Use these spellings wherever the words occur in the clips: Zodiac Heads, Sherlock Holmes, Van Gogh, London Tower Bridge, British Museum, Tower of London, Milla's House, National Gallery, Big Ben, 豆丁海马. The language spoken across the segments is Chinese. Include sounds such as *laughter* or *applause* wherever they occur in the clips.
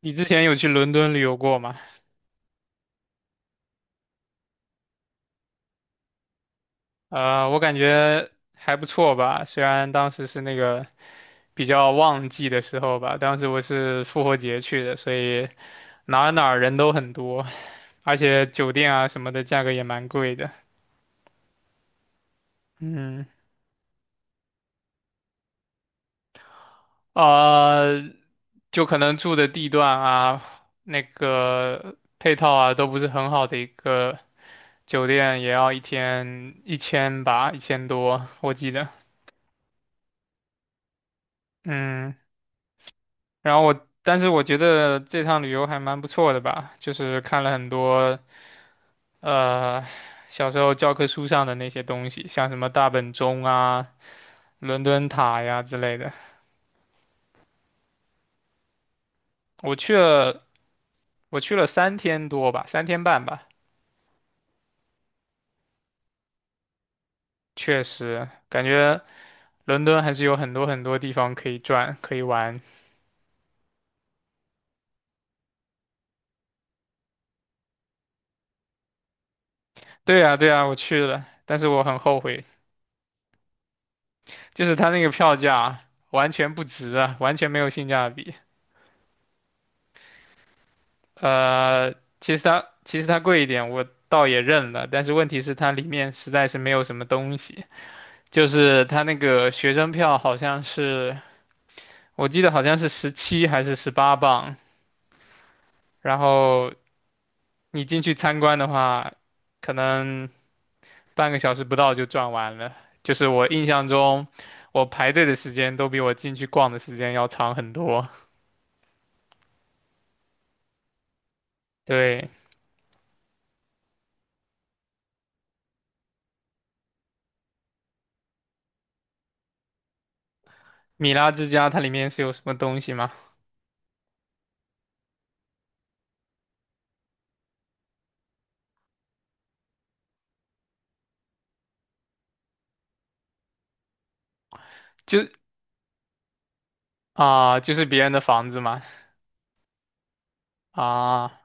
你之前有去伦敦旅游过吗？我感觉还不错吧，虽然当时是那个比较旺季的时候吧，当时我是复活节去的，所以哪儿哪儿人都很多，而且酒店啊什么的价格也蛮贵的。嗯。呃，就可能住的地段啊，那个配套啊都不是很好的一个酒店，也要一天一千吧，1000多，我记得。嗯。然后但是我觉得这趟旅游还蛮不错的吧，就是看了很多，呃，小时候教科书上的那些东西，像什么大本钟啊、伦敦塔呀之类的。我去了，我去了3天多吧，3天半吧，确实感觉伦敦还是有很多很多地方可以转，可以玩。对呀，对呀，我去了，但是我很后悔，就是他那个票价完全不值啊，完全没有性价比。呃，其实它贵一点，我倒也认了。但是问题是它里面实在是没有什么东西，就是它那个学生票好像是，我记得好像是17还是18磅，然后你进去参观的话，可能半个小时不到就转完了。就是我印象中，我排队的时间都比我进去逛的时间要长很多。对，米拉之家它里面是有什么东西吗？就就是别人的房子嘛。啊，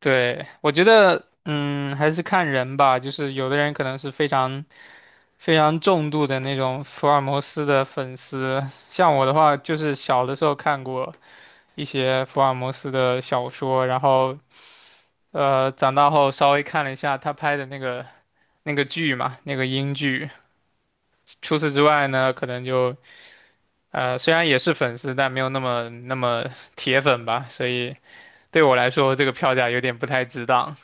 对，我觉得，嗯，还是看人吧。就是有的人可能是非常、非常重度的那种福尔摩斯的粉丝，像我的话，就是小的时候看过一些福尔摩斯的小说，然后，长大后稍微看了一下他拍的那个剧嘛，那个英剧。除此之外呢，可能就，呃，虽然也是粉丝，但没有那么那么铁粉吧。所以对我来说，这个票价有点不太值当。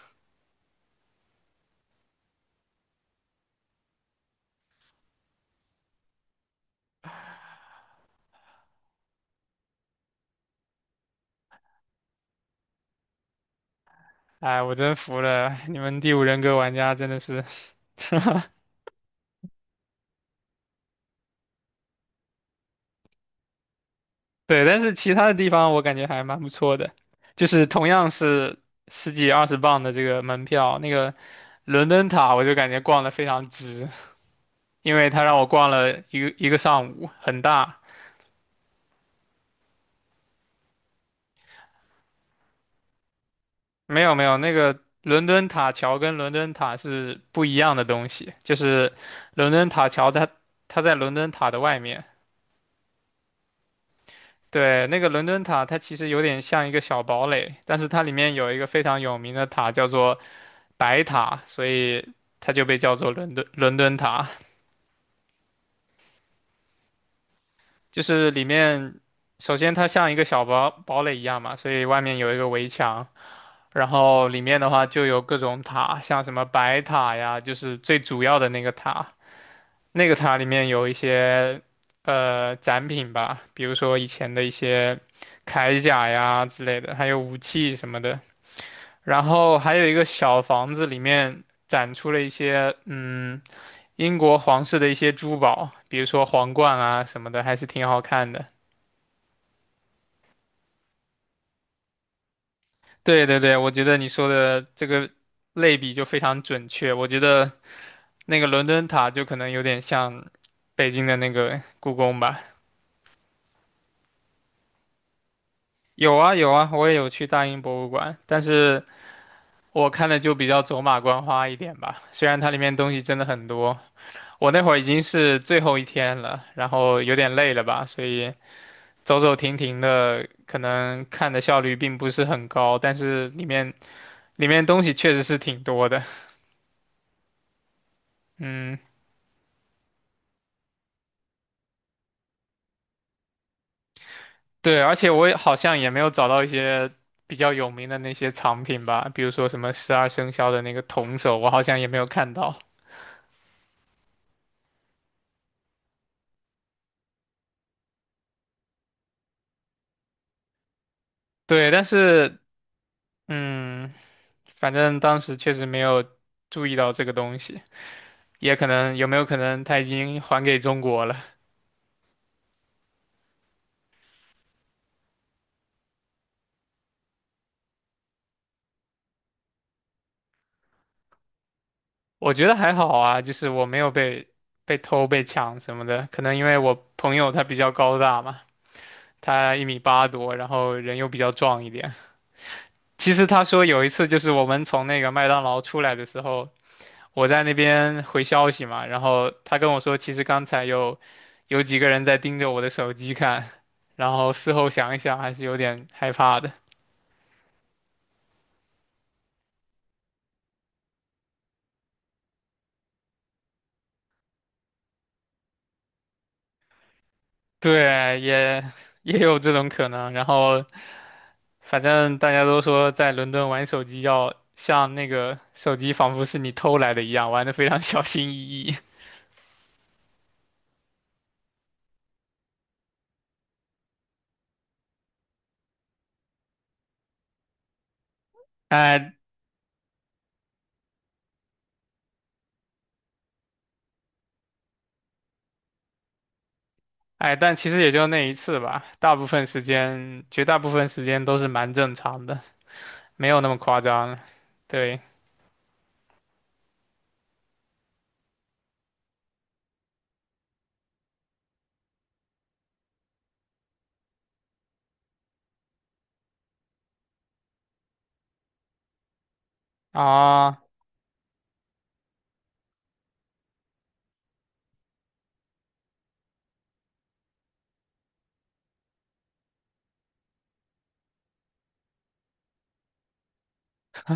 哎，我真服了，*laughs* 你们第五人格玩家真的是，*laughs* 对，但是其他的地方我感觉还蛮不错的，就是同样是十几二十磅的这个门票，那个伦敦塔我就感觉逛的非常值，因为他让我逛了一个一个上午，很大。没有没有，那个伦敦塔桥跟伦敦塔是不一样的东西，就是伦敦塔桥它在伦敦塔的外面，对，那个伦敦塔，它其实有点像一个小堡垒，但是它里面有一个非常有名的塔叫做白塔，所以它就被叫做伦敦塔。就是里面，首先它像一个小堡垒一样嘛，所以外面有一个围墙，然后里面的话就有各种塔，像什么白塔呀，就是最主要的那个塔。那个塔里面有一些展品吧，比如说以前的一些铠甲呀之类的，还有武器什么的。然后还有一个小房子里面展出了一些，英国皇室的一些珠宝，比如说皇冠啊什么的，还是挺好看的。对对对，我觉得你说的这个类比就非常准确。我觉得那个伦敦塔就可能有点像北京的那个故宫吧。有啊有啊，我也有去大英博物馆，但是我看的就比较走马观花一点吧。虽然它里面东西真的很多。我那会儿已经是最后一天了，然后有点累了吧，所以走走停停的，可能看的效率并不是很高，但是里面东西确实是挺多的。嗯，对，而且我也好像也没有找到一些比较有名的那些藏品吧，比如说什么十二生肖的那个铜首，我好像也没有看到。对，但是嗯，反正当时确实没有注意到这个东西，也可能有没有可能他已经还给中国了。我觉得还好啊，就是我没有被偷、被抢什么的，可能因为我朋友他比较高大嘛，他一米八多，然后人又比较壮一点。其实他说有一次就是我们从那个麦当劳出来的时候，我在那边回消息嘛，然后他跟我说，其实刚才有几个人在盯着我的手机看，然后事后想一想还是有点害怕的。对，也有这种可能，然后。反正大家都说在伦敦玩手机要像那个手机仿佛是你偷来的一样，玩的非常 *laughs* 小心翼翼。*laughs* 哎哎，但其实也就那一次吧，大部分时间，绝大部分时间都是蛮正常的，没有那么夸张。对啊，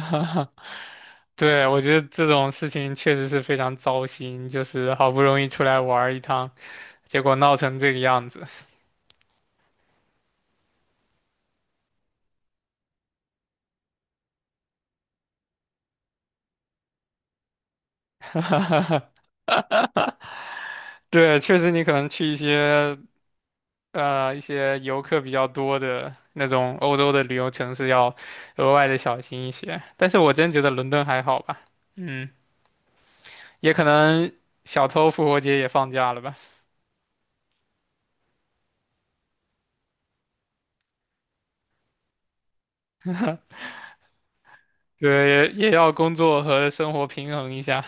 *laughs* 对，我觉得这种事情确实是非常糟心，就是好不容易出来玩儿一趟，结果闹成这个样子。*laughs* 对，确实你可能去一些游客比较多的那种欧洲的旅游城市要额外的小心一些。但是我真觉得伦敦还好吧，嗯，也可能小偷复活节也放假了吧，对，也要工作和生活平衡一下。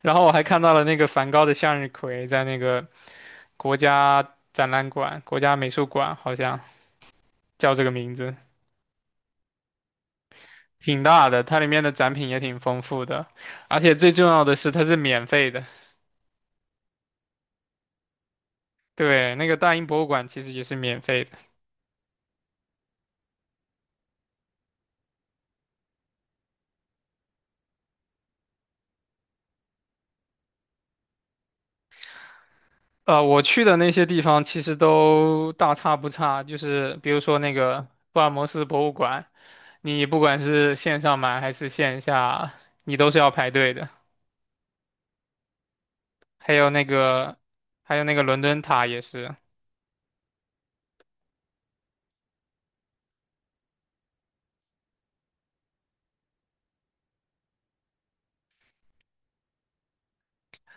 然后我还看到了那个梵高的向日葵在那个国家展览馆、国家美术馆，好像叫这个名字。挺大的，它里面的展品也挺丰富的，而且最重要的是它是免费的。对，那个大英博物馆其实也是免费的。我去的那些地方其实都大差不差，就是比如说那个福尔摩斯博物馆，你不管是线上买还是线下，你都是要排队的。还有那个，还有那个伦敦塔也是，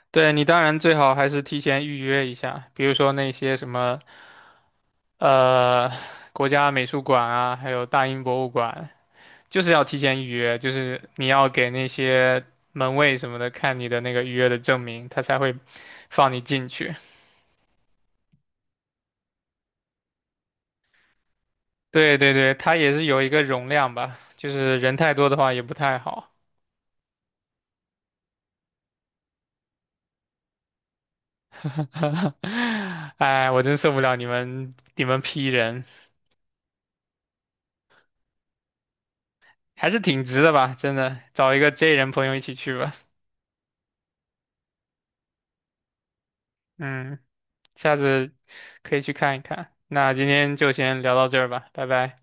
对你当然最好还是提前预约一下，比如说那些什么呃国家美术馆啊，还有大英博物馆。就是要提前预约，就是你要给那些门卫什么的看你的那个预约的证明，他才会放你进去。对对对，他也是有一个容量吧，就是人太多的话也不太好。*laughs* 哎，我真受不了你们 P 人，还是挺值的吧，真的，找一个 J 人朋友一起去吧。嗯，下次可以去看一看。那今天就先聊到这儿吧，拜拜。